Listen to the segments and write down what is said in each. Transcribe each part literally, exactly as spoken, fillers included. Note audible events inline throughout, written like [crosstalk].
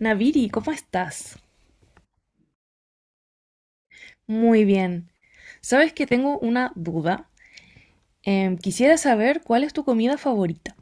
Naviri, ¿cómo estás? Muy bien. Sabes que tengo una duda. Em, quisiera saber cuál es tu comida favorita.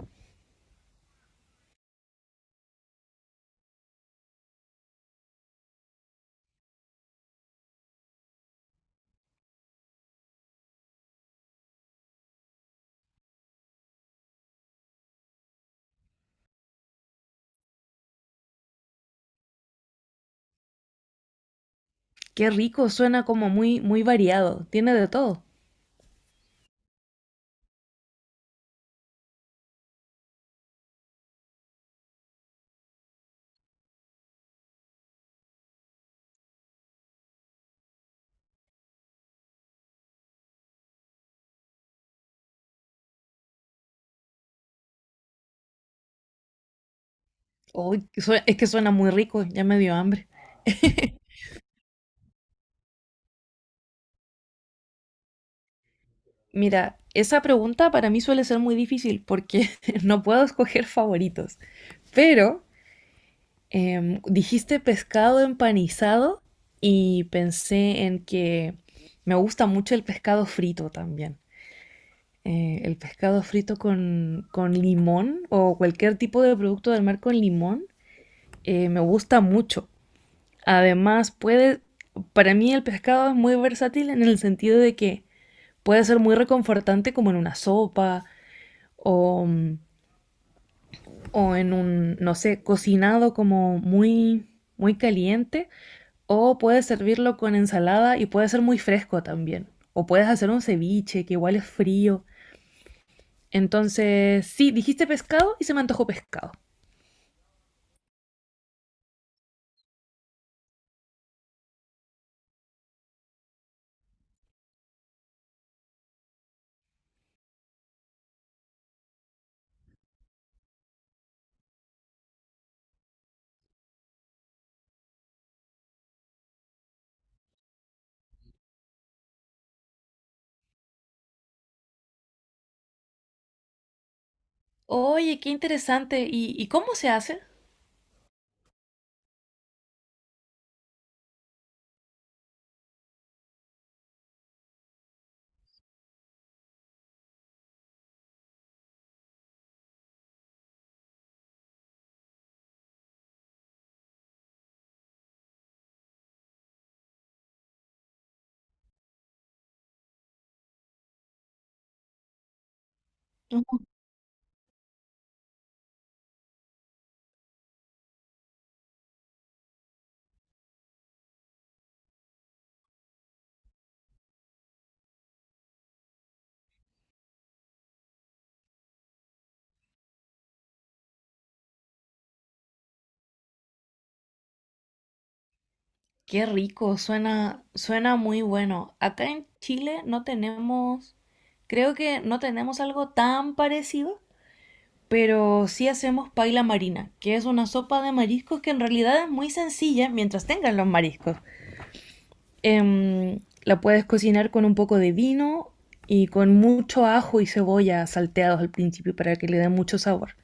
Qué rico, suena como muy, muy variado. Tiene de todo. Uy, que sue- es que suena muy rico, ya me dio hambre. Mira, esa pregunta para mí suele ser muy difícil porque [laughs] no puedo escoger favoritos. Pero em, dijiste pescado empanizado y pensé en que me gusta mucho el pescado frito también. Eh, el pescado frito con, con limón o cualquier tipo de producto del mar con limón, eh, me gusta mucho. Además, puede, para mí el pescado es muy versátil en el sentido de que puede ser muy reconfortante como en una sopa o, o en un, no sé, cocinado como muy, muy caliente, o puedes servirlo con ensalada y puede ser muy fresco también. O puedes hacer un ceviche que igual es frío. Entonces, sí, dijiste pescado y se me antojó pescado. Oye, qué interesante. ¿Y, y cómo se hace? Ujú. Qué rico, suena, suena muy bueno. Acá en Chile no tenemos, creo que no tenemos algo tan parecido, pero sí hacemos paila marina, que es una sopa de mariscos que en realidad es muy sencilla mientras tengas los mariscos. Em, la puedes cocinar con un poco de vino y con mucho ajo y cebolla salteados al principio para que le dé mucho sabor.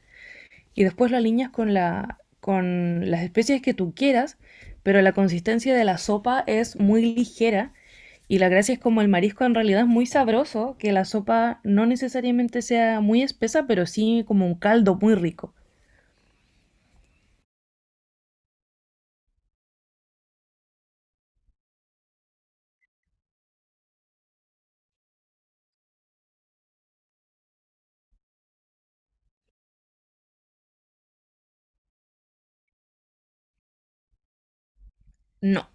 Y después lo alineas con, la, con las especies que tú quieras, pero la consistencia de la sopa es muy ligera y la gracia es como el marisco en realidad es muy sabroso, que la sopa no necesariamente sea muy espesa, pero sí como un caldo muy rico. No.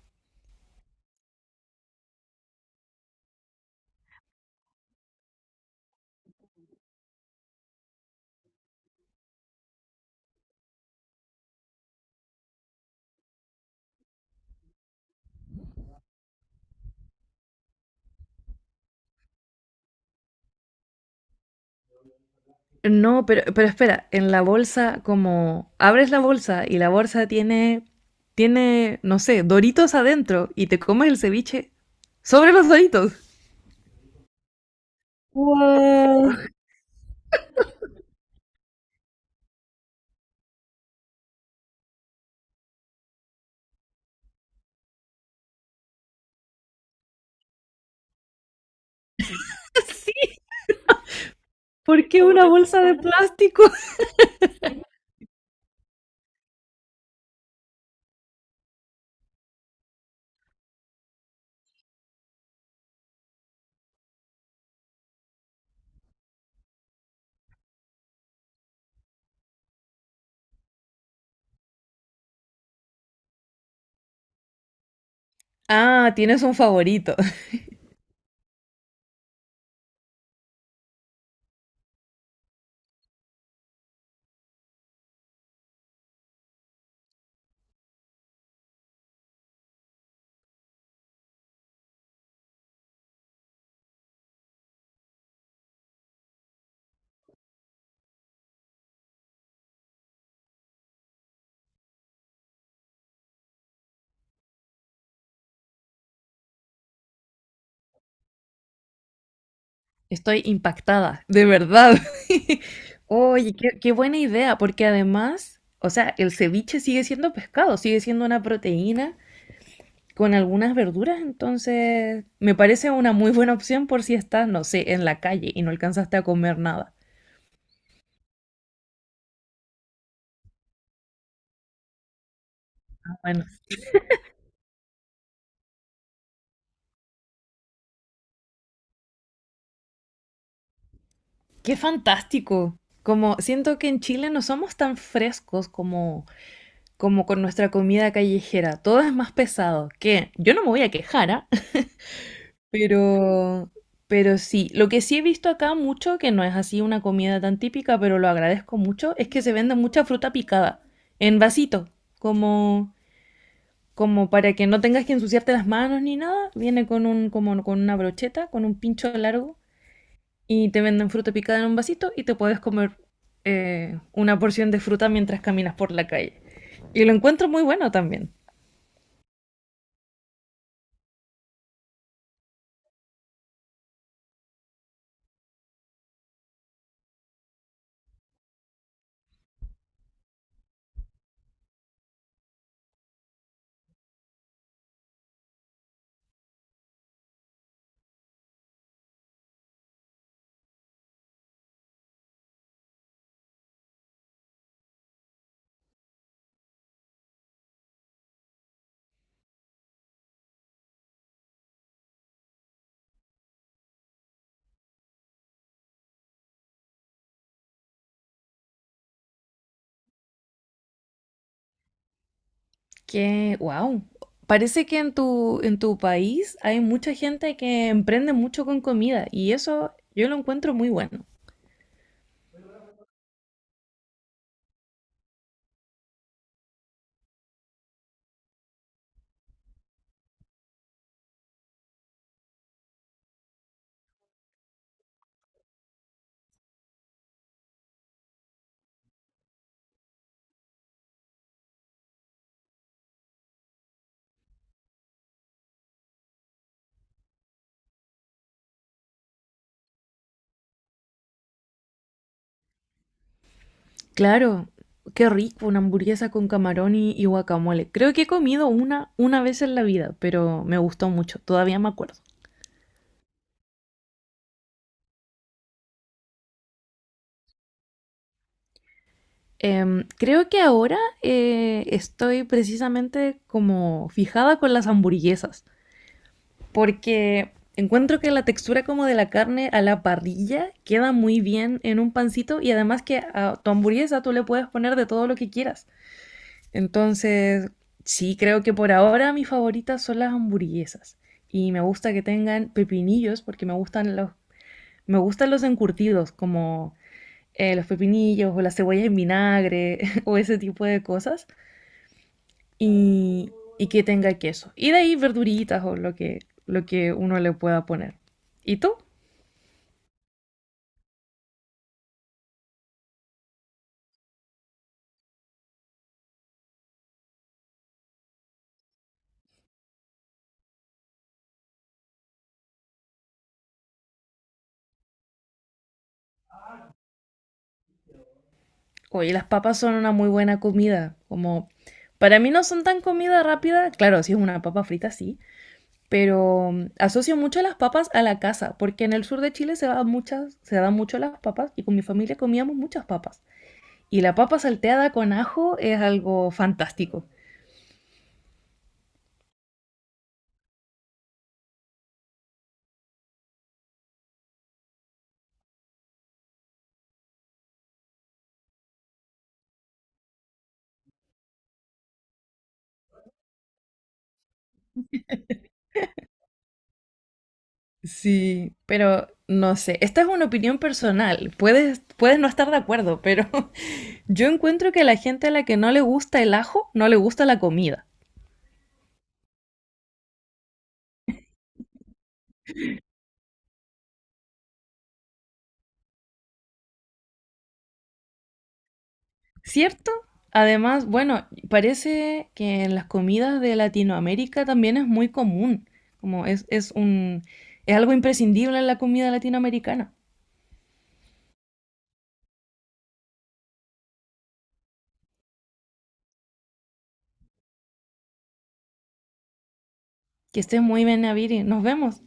No, pero, pero espera, en la bolsa, como abres la bolsa y la bolsa tiene, tiene, no sé, doritos adentro y te comes el ceviche sobre los doritos. Wow. [laughs] Sí, ¿por qué una bolsa de plástico? Ah, tienes un favorito. [laughs] Estoy impactada, de verdad. [laughs] Oye, qué, qué buena idea, porque además, o sea, el ceviche sigue siendo pescado, sigue siendo una proteína con algunas verduras, entonces me parece una muy buena opción por si estás, no sé, en la calle y no alcanzaste a comer nada. Ah, bueno, qué fantástico. Como siento que en Chile no somos tan frescos como como con nuestra comida callejera, todo es más pesado, que yo no me voy a quejar, ¿ah? Pero, pero sí, lo que sí he visto acá mucho, que no es así una comida tan típica, pero lo agradezco mucho, es que se vende mucha fruta picada en vasito, como, como para que no tengas que ensuciarte las manos ni nada. Viene con un, como con una brocheta, con un pincho largo, y te venden fruta picada en un vasito y te puedes comer eh, una porción de fruta mientras caminas por la calle. Y lo encuentro muy bueno también. Que wow. Parece que en tu, en tu país hay mucha gente que emprende mucho con comida y eso yo lo encuentro muy bueno. Claro, qué rico una hamburguesa con camarón y, y guacamole. Creo que he comido una una vez en la vida, pero me gustó mucho, todavía me acuerdo. Em, creo que ahora eh, estoy precisamente como fijada con las hamburguesas. Porque encuentro que la textura como de la carne a la parrilla queda muy bien en un pancito y además que a tu hamburguesa tú le puedes poner de todo lo que quieras. Entonces, sí, creo que por ahora mis favoritas son las hamburguesas y me gusta que tengan pepinillos porque me gustan los me gustan los encurtidos como eh, los pepinillos o las cebollas en vinagre [laughs] o ese tipo de cosas y, y que tenga queso. Y de ahí verduritas o lo que, lo que uno le pueda poner. ¿Y tú? Oye, las papas son una muy buena comida. Como para mí no son tan comida rápida. Claro, si es una papa frita, sí. Pero mm, asocio mucho las papas a la casa, porque en el sur de Chile se, dan muchas, se dan mucho las papas y con mi familia comíamos muchas papas. Y la papa salteada con ajo es algo fantástico. Sí, pero no sé, esta es una opinión personal. Puedes, puedes no estar de acuerdo, pero [laughs] yo encuentro que a la gente a la que no le gusta el ajo, no le gusta la comida, ¿cierto? Además, bueno, parece que en las comidas de Latinoamérica también es muy común, como es, es un, es algo imprescindible en la comida latinoamericana. Que estés muy bien, Naviri. Nos vemos.